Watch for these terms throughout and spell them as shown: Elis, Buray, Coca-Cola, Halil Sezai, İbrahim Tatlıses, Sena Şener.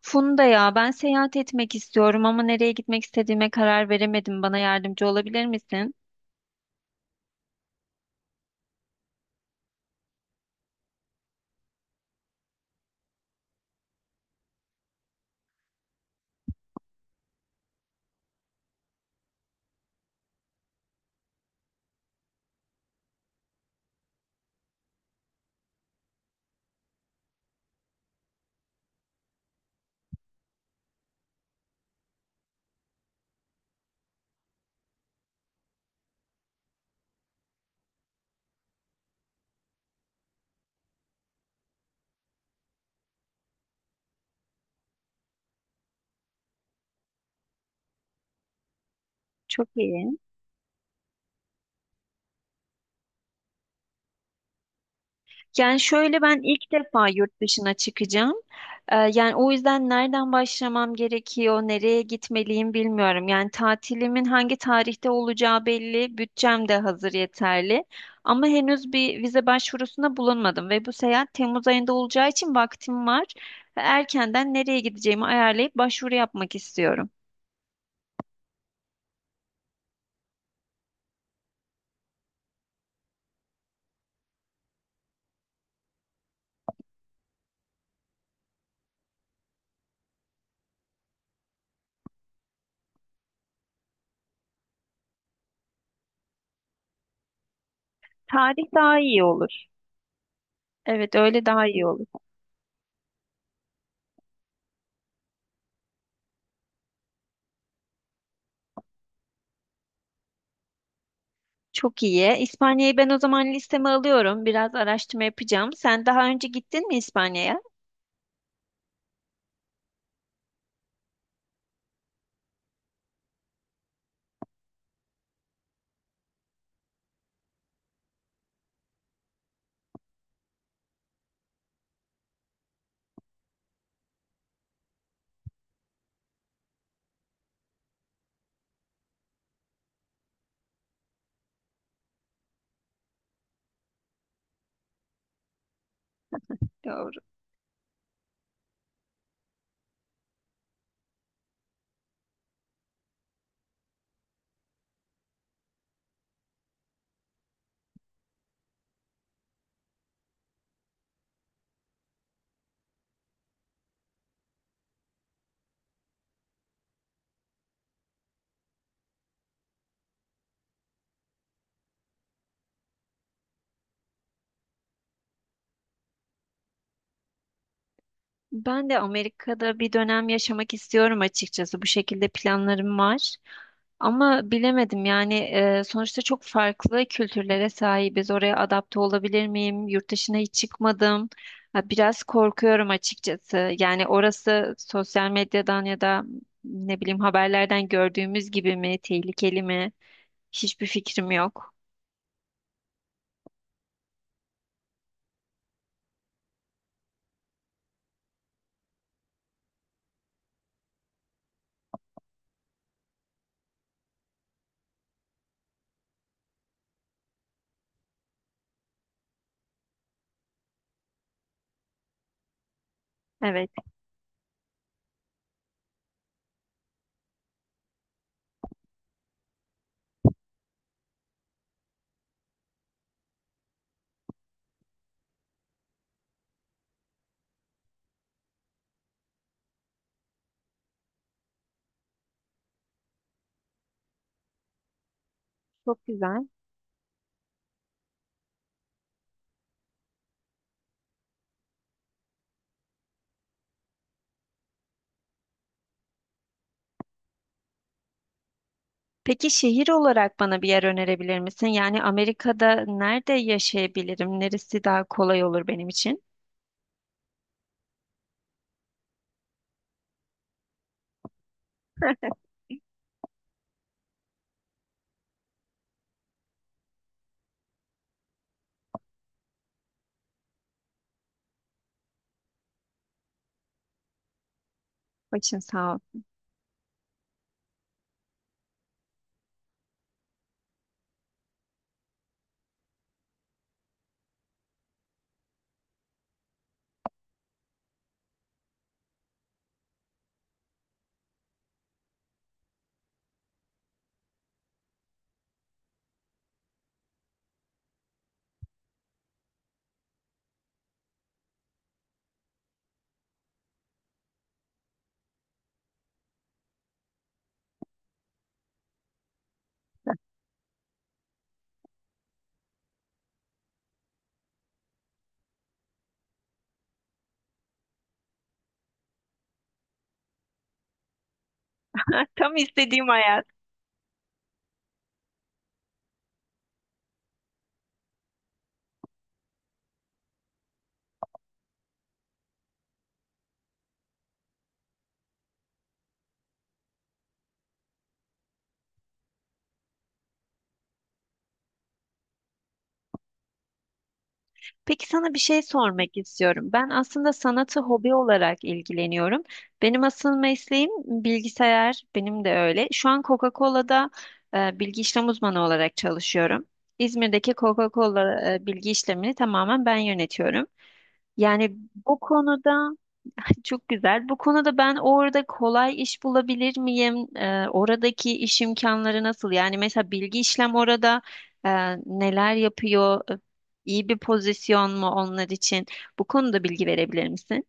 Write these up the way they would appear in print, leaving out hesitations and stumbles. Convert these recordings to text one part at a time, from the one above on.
Funda ya ben seyahat etmek istiyorum ama nereye gitmek istediğime karar veremedim. Bana yardımcı olabilir misin? Çok iyi. Yani şöyle ben ilk defa yurt dışına çıkacağım. Yani o yüzden nereden başlamam gerekiyor, nereye gitmeliyim bilmiyorum. Yani tatilimin hangi tarihte olacağı belli, bütçem de hazır yeterli. Ama henüz bir vize başvurusunda bulunmadım ve bu seyahat Temmuz ayında olacağı için vaktim var. Ve erkenden nereye gideceğimi ayarlayıp başvuru yapmak istiyorum. Tarih daha iyi olur. Evet, öyle daha iyi olur. Çok iyi. İspanya'yı ben o zaman listeme alıyorum. Biraz araştırma yapacağım. Sen daha önce gittin mi İspanya'ya? Doğru. Ben de Amerika'da bir dönem yaşamak istiyorum açıkçası. Bu şekilde planlarım var. Ama bilemedim yani sonuçta çok farklı kültürlere sahibiz. Oraya adapte olabilir miyim? Yurt dışına hiç çıkmadım. Ha, biraz korkuyorum açıkçası. Yani orası sosyal medyadan ya da ne bileyim haberlerden gördüğümüz gibi mi, tehlikeli mi? Hiçbir fikrim yok. Evet, çok güzel. Peki şehir olarak bana bir yer önerebilir misin? Yani Amerika'da nerede yaşayabilirim? Neresi daha kolay olur benim için? Başın sağ ol. Tam istediğim hayat. Peki sana bir şey sormak istiyorum. Ben aslında sanatı hobi olarak ilgileniyorum. Benim asıl mesleğim bilgisayar, benim de öyle. Şu an Coca-Cola'da bilgi işlem uzmanı olarak çalışıyorum. İzmir'deki Coca-Cola bilgi işlemini tamamen ben yönetiyorum. Yani bu konuda çok güzel. Bu konuda ben orada kolay iş bulabilir miyim? Oradaki iş imkanları nasıl? Yani mesela bilgi işlem orada e, neler yapıyor? İyi bir pozisyon mu onlar için? Bu konuda bilgi verebilir misin?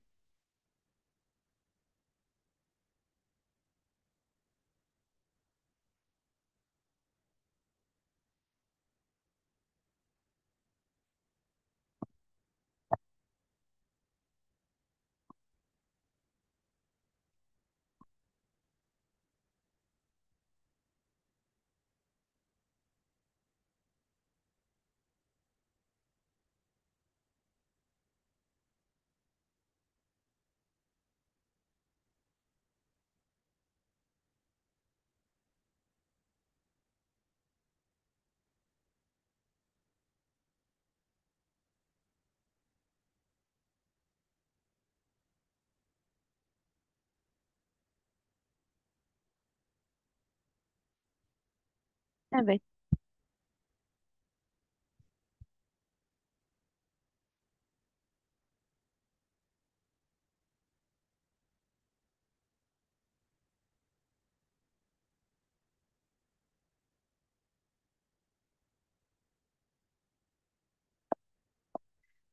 Evet,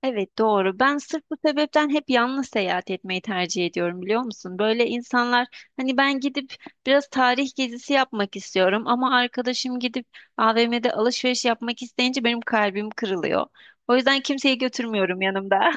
evet doğru. Ben sırf bu sebepten hep yalnız seyahat etmeyi tercih ediyorum biliyor musun? Böyle insanlar hani ben gidip biraz tarih gezisi yapmak istiyorum ama arkadaşım gidip AVM'de alışveriş yapmak isteyince benim kalbim kırılıyor. O yüzden kimseyi götürmüyorum yanımda.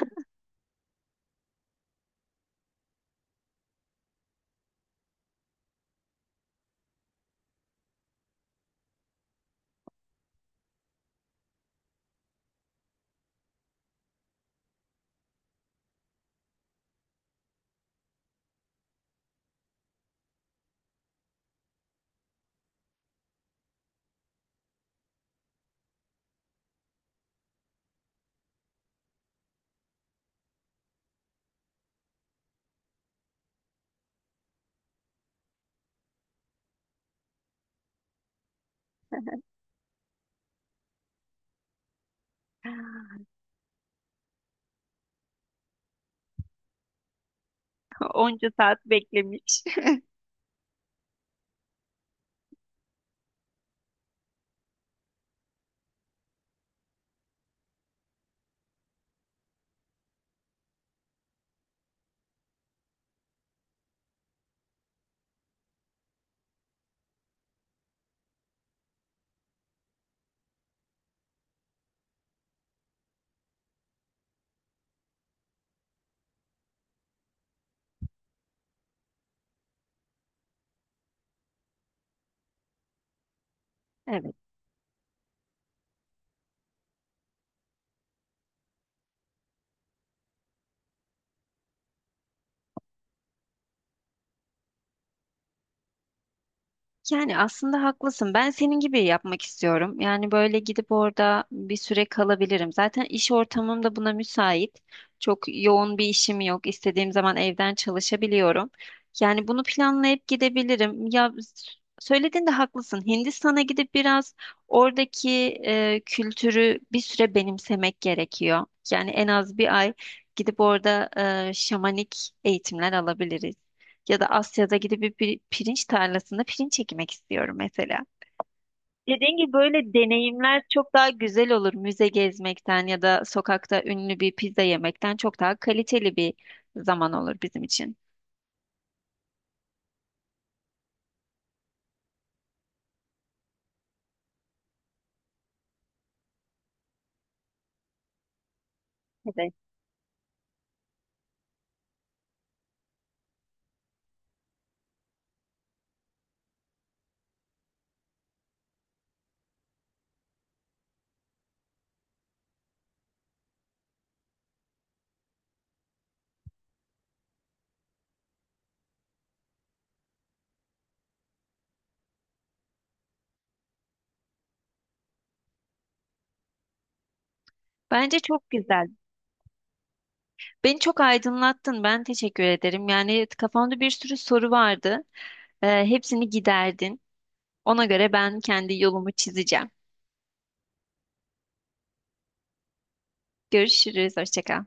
Onca saat beklemiş. Evet. Yani aslında haklısın. Ben senin gibi yapmak istiyorum. Yani böyle gidip orada bir süre kalabilirim. Zaten iş ortamım da buna müsait. Çok yoğun bir işim yok. İstediğim zaman evden çalışabiliyorum. Yani bunu planlayıp gidebilirim. Söylediğinde haklısın. Hindistan'a gidip biraz oradaki kültürü bir süre benimsemek gerekiyor. Yani en az bir ay gidip orada şamanik eğitimler alabiliriz. Ya da Asya'da gidip bir pirinç tarlasında pirinç ekmek istiyorum mesela. Dediğim gibi böyle deneyimler çok daha güzel olur. Müze gezmekten ya da sokakta ünlü bir pizza yemekten çok daha kaliteli bir zaman olur bizim için. Evet. Bence çok güzel. Beni çok aydınlattın. Ben teşekkür ederim. Yani kafamda bir sürü soru vardı. Hepsini giderdin. Ona göre ben kendi yolumu çizeceğim. Görüşürüz. Hoşça kal.